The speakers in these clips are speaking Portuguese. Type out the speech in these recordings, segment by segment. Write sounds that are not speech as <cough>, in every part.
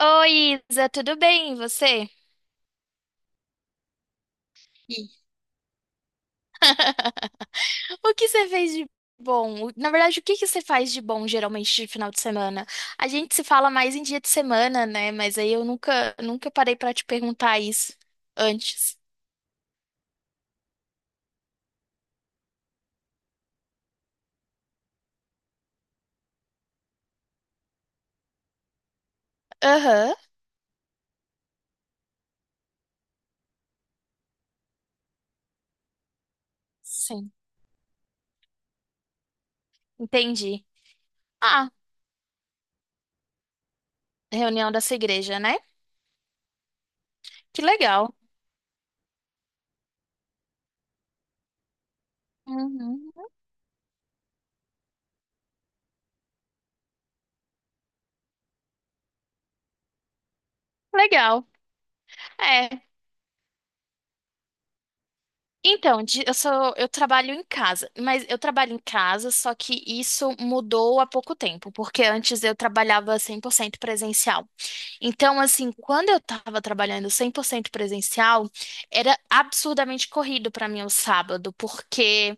Oi, Isa, tudo bem? E você? <laughs> E, o que você fez de bom? Na verdade, o que que você faz de bom geralmente de final de semana? A gente se fala mais em dia de semana, né? Mas aí eu nunca parei pra te perguntar isso antes. Aham, sim, entendi. Ah, reunião dessa igreja, né? Que legal. Uhum, legal. É. Então, eu sou, eu trabalho em casa, mas eu trabalho em casa, só que isso mudou há pouco tempo, porque antes eu trabalhava 100% presencial. Então, assim, quando eu estava trabalhando 100% presencial, era absurdamente corrido para mim o sábado, porque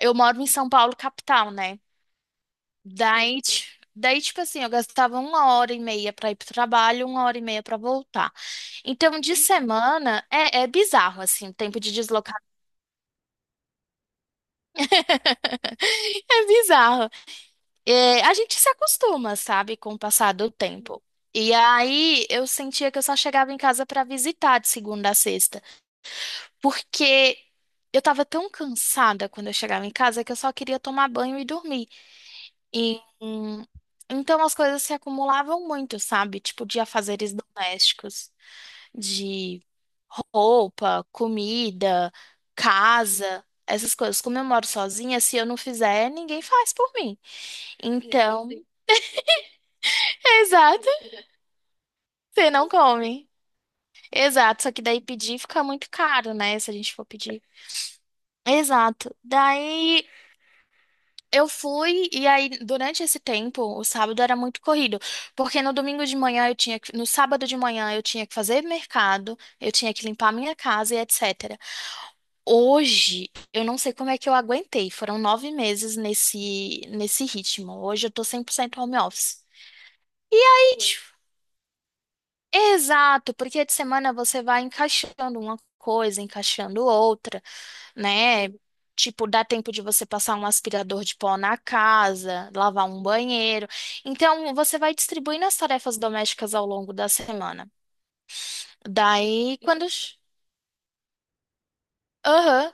eu moro em São Paulo, capital, né? Daí, daí, tipo assim, eu gastava uma hora e meia para ir pro trabalho, uma hora e meia para voltar. Então, de semana, é bizarro, assim, o tempo de… <laughs> É bizarro. É, a gente se acostuma, sabe, com o passar do tempo. E aí eu sentia que eu só chegava em casa pra visitar de segunda a sexta, porque eu tava tão cansada quando eu chegava em casa que eu só queria tomar banho e dormir. E, então as coisas se acumulavam muito, sabe? Tipo de afazeres domésticos, de roupa, comida, casa, essas coisas. Como eu moro sozinha, se eu não fizer, ninguém faz por mim. Então, exato, você não come. Exato, só que daí pedir fica muito caro, né? Se a gente for pedir. Exato. Daí eu fui e aí durante esse tempo, o sábado era muito corrido, porque no domingo de manhã eu tinha que, no sábado de manhã eu tinha que fazer mercado, eu tinha que limpar minha casa e etc. Hoje, eu não sei como é que eu aguentei. Foram nove meses nesse ritmo. Hoje eu tô 100% home office. Exato, porque de semana você vai encaixando uma coisa, encaixando outra, né? Tipo, dá tempo de você passar um aspirador de pó na casa, lavar um banheiro. Então, você vai distribuindo as tarefas domésticas ao longo da semana. Daí, quando… Aham.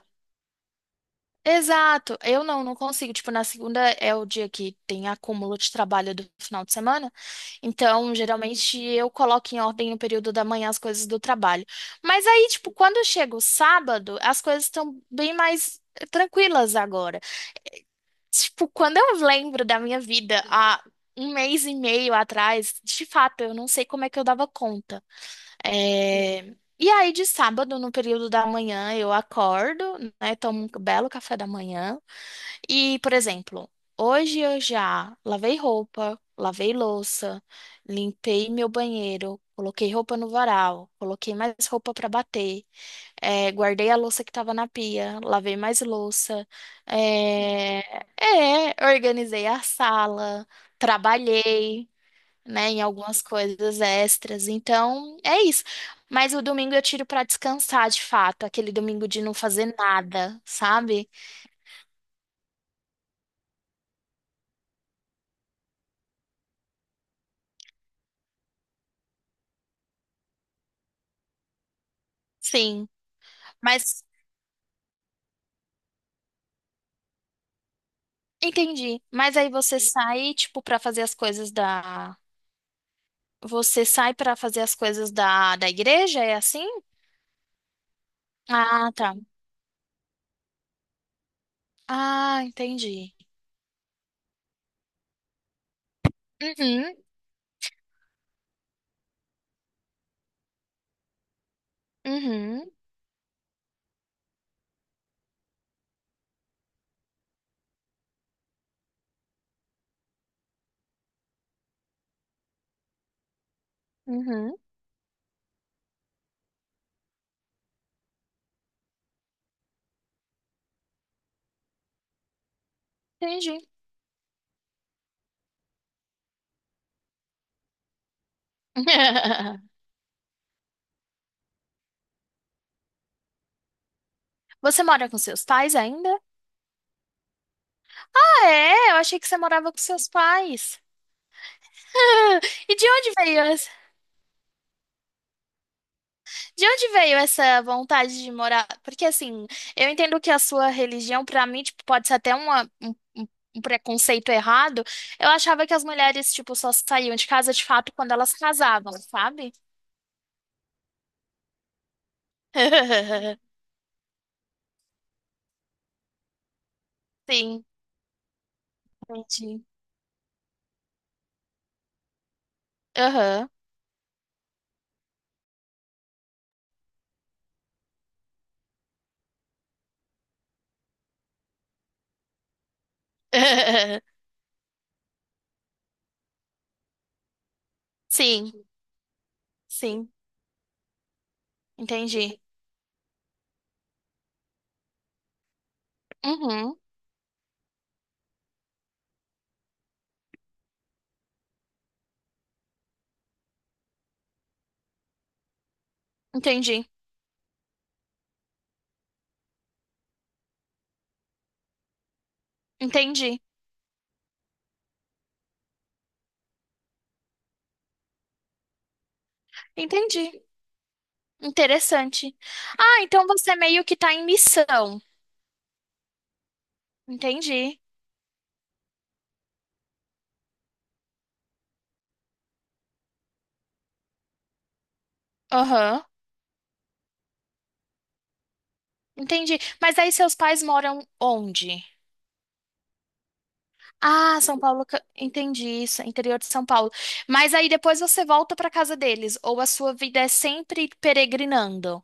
Exato. Eu não consigo. Tipo, na segunda é o dia que tem acúmulo de trabalho do final de semana. Então, geralmente eu coloco em ordem no período da manhã as coisas do trabalho. Mas aí, tipo, quando chega o sábado, as coisas estão bem mais tranquilas agora. Tipo, quando eu lembro da minha vida há um mês e meio atrás, de fato, eu não sei como é que eu dava conta. É, e aí, de sábado, no período da manhã, eu acordo, né? Tomo um belo café da manhã. E, por exemplo, hoje eu já lavei roupa, lavei louça, limpei meu banheiro, coloquei roupa no varal, coloquei mais roupa para bater, guardei a louça que estava na pia, lavei mais louça, eh, organizei a sala, trabalhei. Né, em algumas coisas extras. Então, é isso. Mas o domingo eu tiro para descansar de fato, aquele domingo de não fazer nada, sabe? Sim. Mas entendi. Mas aí você sai, tipo, pra fazer as coisas da… Você sai pra fazer as coisas da, da igreja? É assim? Ah, tá. Ah, entendi. Uhum, uhum, uhum. Entendi. <laughs> Você mora com seus pais ainda? Ah, é? Eu achei que você morava com seus pais. <laughs> E de onde veio… De onde veio essa vontade de morar? Porque assim, eu entendo que a sua religião, pra mim, tipo, pode ser até um, um preconceito errado. Eu achava que as mulheres, tipo, só saíam de casa de fato quando elas casavam, sabe? <laughs> Sim, entendi. Aham. <laughs> Sim, sim, entendi. Uhum, entendi, entendi, entendi. Interessante. Ah, então você meio que tá em missão. Entendi. Aham. Entendi. Mas aí seus pais moram onde? Ah, São Paulo. Entendi isso, interior de São Paulo. Mas aí depois você volta para casa deles, ou a sua vida é sempre peregrinando.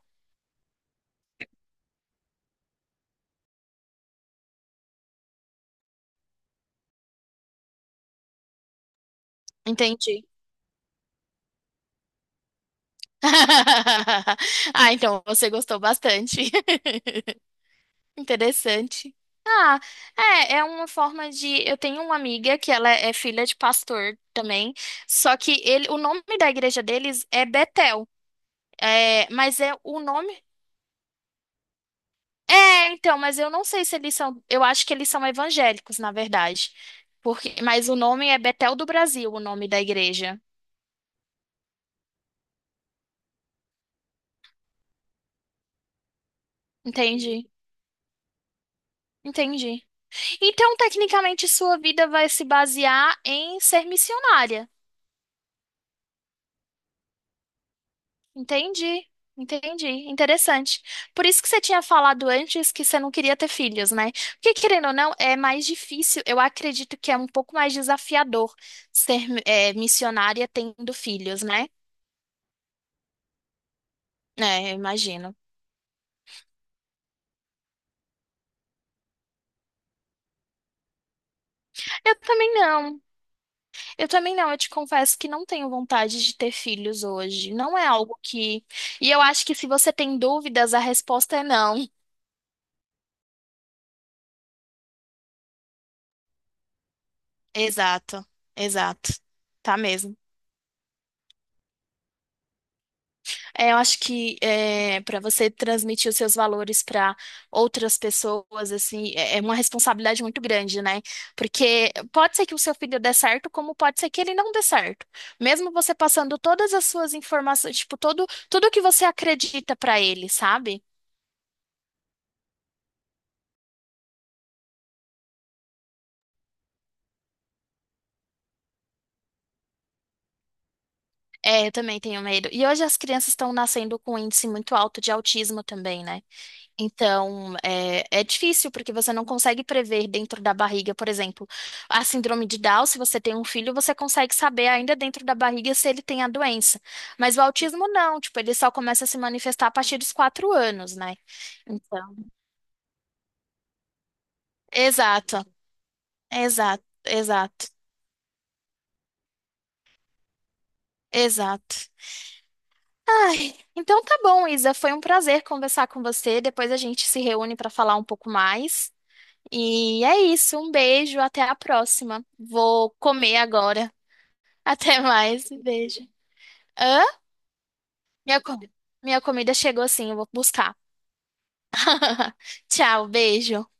Entendi. <laughs> Ah, então você gostou bastante. <laughs> Interessante. Ah, é, é uma forma de… Eu tenho uma amiga que ela é filha de pastor também, só que ele, o nome da igreja deles é Betel. É, mas é o nome… É, então, mas eu não sei se eles são. Eu acho que eles são evangélicos, na verdade. Porque, mas o nome é Betel do Brasil, o nome da igreja. Entendi, entendi. Então, tecnicamente, sua vida vai se basear em ser missionária. Entendi, entendi. Interessante. Por isso que você tinha falado antes que você não queria ter filhos, né? Porque, querendo ou não, é mais difícil. Eu acredito que é um pouco mais desafiador ser, missionária tendo filhos, né? É, eu imagino. Eu também não. Eu também não. Eu te confesso que não tenho vontade de ter filhos hoje. Não é algo que… E eu acho que se você tem dúvidas, a resposta é não. Exato, exato. Tá mesmo. É, eu acho que é, para você transmitir os seus valores para outras pessoas, assim, é é uma responsabilidade muito grande, né? Porque pode ser que o seu filho dê certo, como pode ser que ele não dê certo. Mesmo você passando todas as suas informações, tipo, todo, tudo que você acredita para ele, sabe? É, eu também tenho medo. E hoje as crianças estão nascendo com um índice muito alto de autismo também, né? Então, é, é difícil, porque você não consegue prever dentro da barriga, por exemplo, a síndrome de Down, se você tem um filho, você consegue saber ainda dentro da barriga se ele tem a doença. Mas o autismo não, tipo, ele só começa a se manifestar a partir dos quatro anos, né? Então, exato, exato, exato. Exato. Ai, então tá bom, Isa. Foi um prazer conversar com você. Depois a gente se reúne para falar um pouco mais. E é isso, um beijo, até a próxima. Vou comer agora. <laughs> Até mais, um beijo. Hã? Minha, minha comida chegou sim, eu vou buscar. <laughs> Tchau, beijo.